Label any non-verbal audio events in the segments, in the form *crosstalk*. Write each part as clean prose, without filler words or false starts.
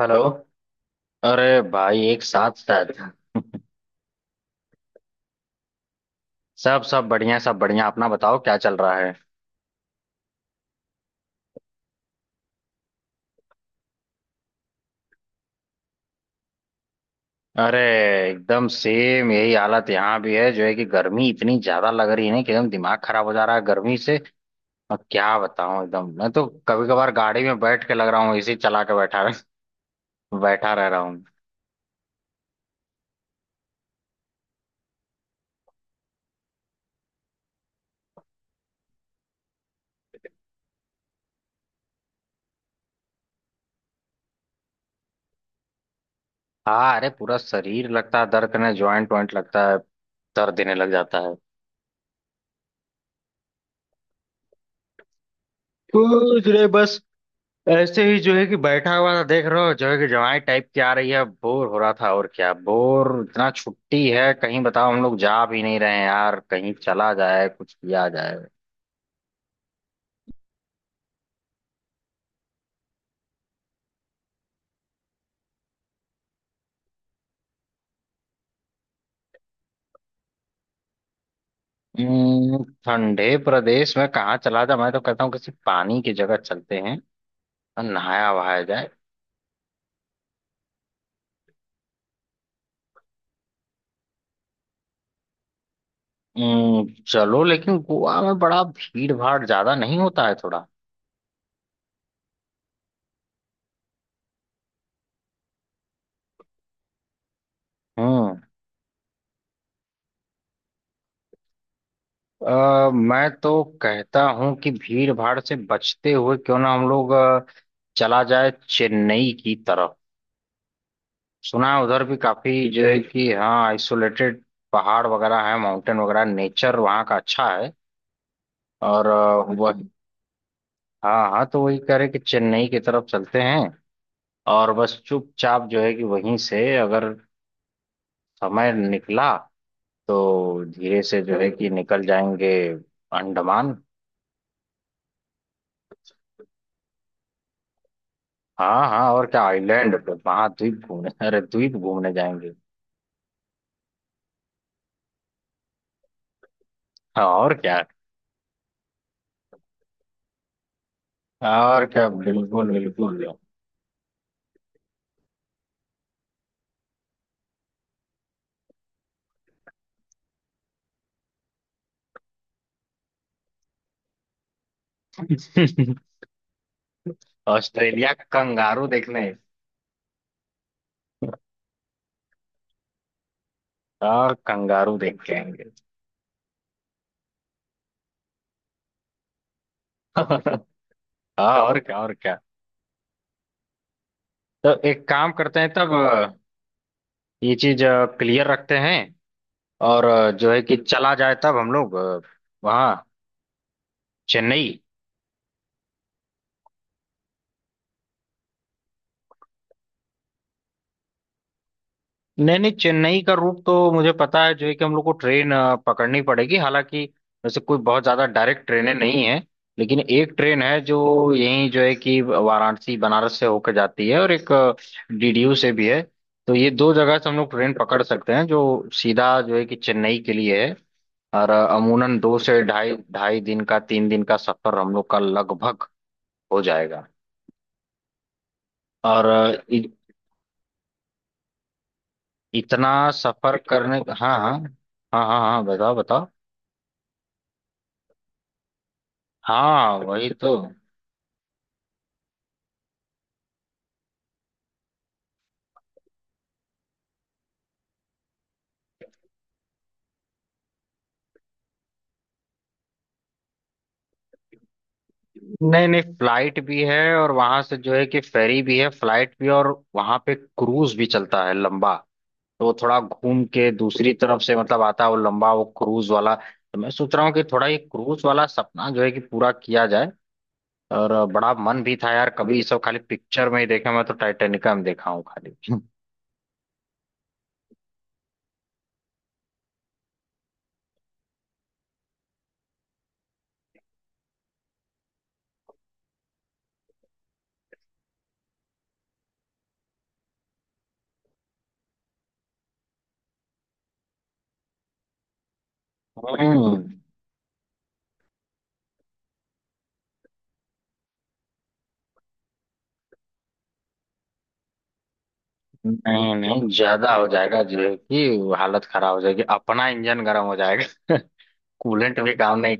Hello. अरे भाई, एक साथ साथ। सब सब बढ़िया, सब बढ़िया। अपना बताओ, क्या चल रहा है? अरे एकदम सेम यही हालत यहाँ भी है, जो है कि गर्मी इतनी ज्यादा लग रही है ना कि एकदम दिमाग खराब हो जा रहा है गर्मी से। और क्या बताऊं, एकदम मैं तो कभी कभार गाड़ी में बैठ के लग रहा हूँ, एसी चला के बैठा बैठा रह रहा हूँ। हाँ, अरे पूरा शरीर लगता है दर्द करने, ज्वाइंट वाइंट लगता है दर्द देने लग जाता है। कुछ नहीं, बस ऐसे ही जो है कि बैठा हुआ था, देख रहे हो जो है कि जवाई टाइप की आ रही है, बोर हो रहा था। और क्या बोर, इतना छुट्टी है कहीं, बताओ हम लोग जा भी नहीं रहे हैं यार, कहीं चला जाए, कुछ किया जाए। ठंडे प्रदेश में कहाँ चला जाए? मैं तो कहता हूँ किसी पानी की जगह चलते हैं और नहाया वहाया जाए। चलो, लेकिन गोवा में बड़ा भीड़ भाड़ ज्यादा नहीं होता है थोड़ा। हम्म मैं तो कहता हूँ कि भीड़ भाड़ से बचते हुए क्यों ना हम लोग चला जाए चेन्नई की तरफ। सुना है उधर भी काफी जो है कि हाँ, आइसोलेटेड पहाड़ वगैरह है, माउंटेन वगैरह, नेचर वहाँ का अच्छा है। और वह। हाँ हाँ, तो वही कह रहे कि चेन्नई की तरफ चलते हैं और बस चुपचाप जो है कि वहीं से अगर समय निकला तो धीरे से जो है कि निकल जाएंगे अंडमान। हाँ हाँ, और क्या, आइलैंड पे महाद्वीप घूमने, अरे द्वीप घूमने जाएंगे। हाँ, और क्या, और क्या। बिल्कुल बिल्कुल। *laughs* ऑस्ट्रेलिया कंगारू देखने। और कंगारू देख के आएंगे। *laughs* हाँ, और क्या, और क्या। तो एक काम करते हैं तब ये चीज क्लियर रखते हैं। और जो है कि चला जाए तब हम लोग वहाँ चेन्नई। नहीं नहीं, चेन्नई का रूट तो मुझे पता है, जो है कि हम लोग को ट्रेन पकड़नी पड़ेगी। हालांकि वैसे कोई बहुत ज्यादा डायरेक्ट ट्रेनें नहीं है, लेकिन एक ट्रेन है जो यहीं जो है कि वाराणसी बनारस से होकर जाती है और एक डीडीयू से भी है। तो ये दो जगह से हम लोग ट्रेन पकड़ सकते हैं जो सीधा जो है कि चेन्नई के लिए है। और अमूनन दो से ढाई ढाई दिन का, तीन दिन का सफर हम लोग का लगभग हो जाएगा। और इतना सफर करने। हाँ हाँ हाँ हाँ हाँ, बताओ बताओ। हाँ, वही तो। नहीं नहीं, फ्लाइट भी है और वहां से जो है कि फेरी भी है, फ्लाइट भी। और वहां पे क्रूज भी चलता है लंबा। तो वो थोड़ा घूम के दूसरी तरफ से मतलब आता है वो लंबा, वो क्रूज वाला। तो मैं सोच रहा हूँ कि थोड़ा ये क्रूज वाला सपना जो है कि पूरा किया जाए। और बड़ा मन भी था यार, कभी ये सब खाली पिक्चर में ही देखा, मैं तो टाइटेनिका में देखा हूँ खाली। हम्म, नहीं नहीं, ज्यादा हो जाएगा जो है कि हालत खराब हो जाएगी, अपना इंजन गर्म हो जाएगा। *laughs* कूलेंट भी काम नहीं।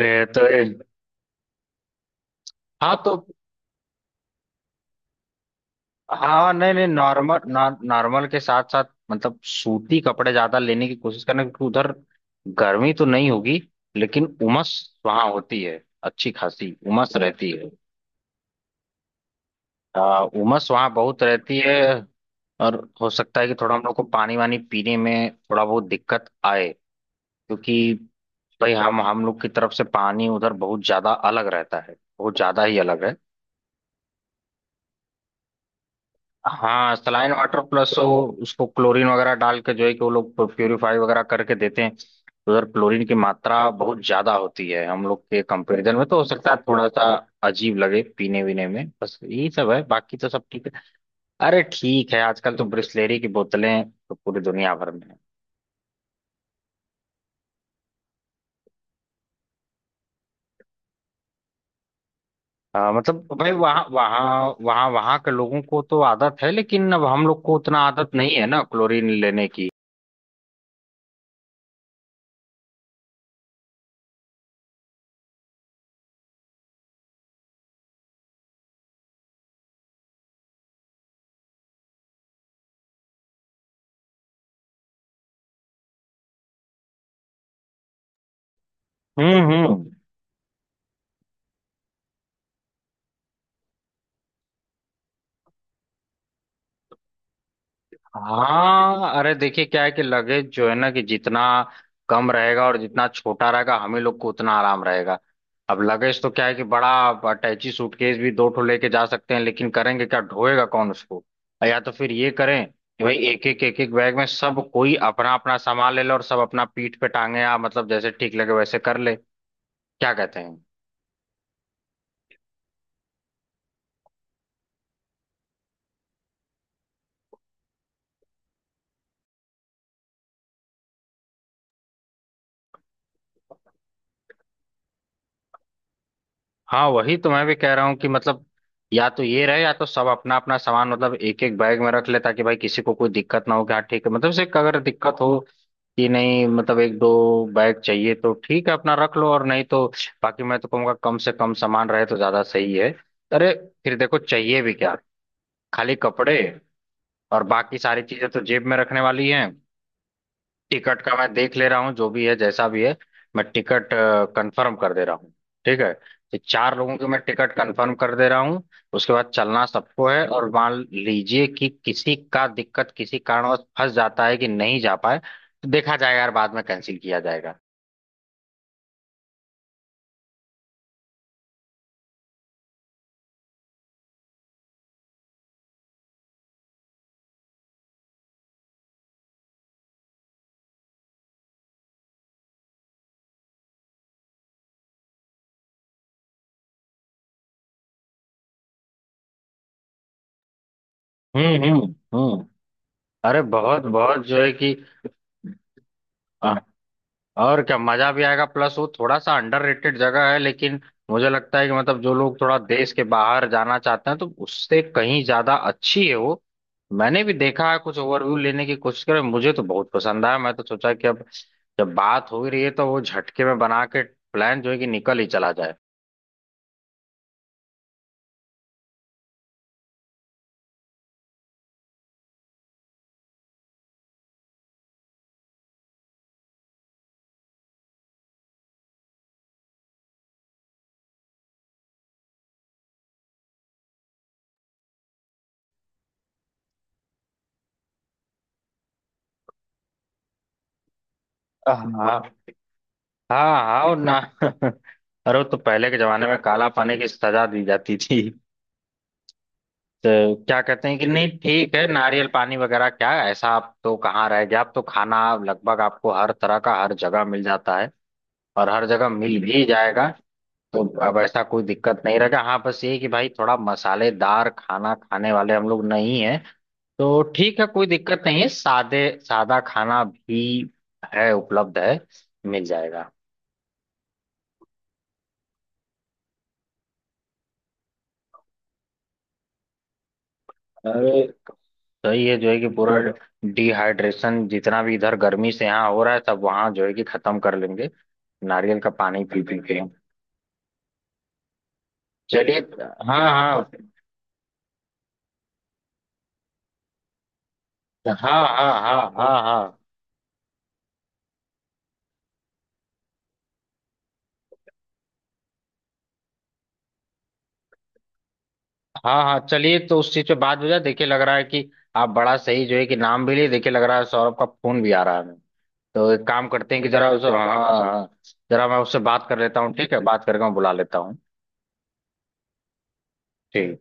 ये तो ये। हाँ तो, हाँ नहीं नहीं नॉर्मल। नॉर्मल के साथ साथ मतलब सूती कपड़े ज्यादा लेने की कोशिश करना, क्योंकि उधर गर्मी तो नहीं होगी लेकिन उमस वहाँ होती है, अच्छी खासी उमस रहती है। उमस वहाँ बहुत रहती है। और हो सकता है कि थोड़ा हम लोग को पानी वानी पीने में थोड़ा बहुत दिक्कत आए, क्योंकि भाई हम लोग की तरफ से पानी उधर बहुत ज्यादा अलग रहता है, बहुत ज्यादा ही अलग है। हाँ, सलाइन वाटर प्लस वो उसको क्लोरीन वगैरह डाल के जो है कि वो लोग प्योरीफाई वगैरह करके देते हैं। तो उधर क्लोरीन की मात्रा बहुत ज्यादा होती है हम लोग के कंपैरिजन में, तो हो सकता है थोड़ा सा अजीब लगे पीने वीने में, बस यही सब है, बाकी तो सब ठीक है। अरे ठीक है, आजकल तो ब्रिस्लेरी की बोतलें तो पूरी दुनिया भर में है। मतलब भाई वहाँ वहाँ वहाँ वहाँ के लोगों को तो आदत है, लेकिन अब हम लोग को उतना आदत नहीं है ना क्लोरीन लेने की। हम्म। हाँ अरे देखिए क्या है कि लगेज जो है ना कि जितना कम रहेगा और जितना छोटा रहेगा, हम ही लोग को उतना आराम रहेगा। अब लगेज तो क्या है कि बड़ा अटैची सूटकेस भी दो ठो लेके जा सकते हैं, लेकिन करेंगे क्या, ढोएगा कौन उसको? या तो फिर ये करें कि भाई एक एक बैग में सब कोई अपना अपना सामान ले लो और सब अपना पीठ पे टांगे, या मतलब जैसे ठीक लगे वैसे कर ले। क्या कहते हैं? हाँ, वही तो मैं भी कह रहा हूँ कि मतलब, या तो ये रहे या तो सब अपना अपना सामान मतलब एक एक बैग में रख ले ताकि भाई किसी को कोई दिक्कत ना हो कि, हाँ ठीक है, मतलब से अगर दिक्कत हो कि नहीं, मतलब एक दो बैग चाहिए तो ठीक है अपना रख लो और नहीं तो बाकी। मैं तो कहूँगा कम से कम सामान रहे तो ज्यादा सही है, अरे फिर देखो चाहिए भी क्या, खाली कपड़े। और बाकी सारी चीजें तो जेब में रखने वाली हैं। टिकट का मैं देख ले रहा हूँ जो भी है जैसा भी है। मैं टिकट कंफर्म कर दे रहा हूँ, ठीक है? तो चार लोगों की मैं टिकट कंफर्म कर दे रहा हूँ। उसके बाद चलना सबको है, और मान लीजिए कि किसी का दिक्कत किसी कारणवश फंस जाता है कि नहीं जा पाए, तो देखा जाएगा यार बाद में, कैंसिल किया जाएगा। हम्म हम्म हम्म। अरे बहुत बहुत जो है कि, और क्या मजा भी आएगा, प्लस वो थोड़ा सा अंडररेटेड जगह है, लेकिन मुझे लगता है कि मतलब जो लोग थोड़ा देश के बाहर जाना चाहते हैं तो उससे कहीं ज्यादा अच्छी है वो। मैंने भी देखा है, कुछ ओवरव्यू लेने की कोशिश करें, मुझे तो बहुत पसंद आया। मैं तो सोचा कि अब जब बात हो ही रही है तो वो झटके में बना के प्लान जो है कि निकल ही चला जाए। हाँ हाँ हाँ, और ना। *laughs* अरे वो तो पहले के जमाने में काला पानी की सजा दी जाती थी। तो क्या कहते हैं कि नहीं ठीक है नारियल पानी वगैरह क्या ऐसा, आप तो कहाँ रह गया, आप तो खाना लगभग आपको हर तरह का हर जगह मिल जाता है और हर जगह मिल भी जाएगा। तो अब ऐसा कोई दिक्कत नहीं रहेगा, हाँ बस ये कि भाई थोड़ा मसालेदार खाना खाने वाले हम लोग नहीं है, तो ठीक है कोई दिक्कत नहीं है, सादे सादा खाना भी है, उपलब्ध है, मिल जाएगा। अरे तो ये जो है कि पूरा तो डिहाइड्रेशन जितना भी इधर गर्मी से यहाँ हो रहा है सब वहां जो है कि खत्म कर लेंगे, नारियल का पानी पी पी के। चलिए। हाँ हाँ हाँ हाँ हाँ हाँ हाँ हाँ हाँ, चलिए तो उस चीज पे बात हो जाए। देखिए लग रहा है कि आप बड़ा सही जो है कि नाम भी लिए, देखिए लग रहा है सौरभ का फोन भी आ रहा है हमें, तो एक काम करते हैं कि जरा उसे, हाँ हाँ जरा मैं उससे बात कर लेता हूँ, ठीक है बात करके मैं बुला लेता हूँ। ठीक।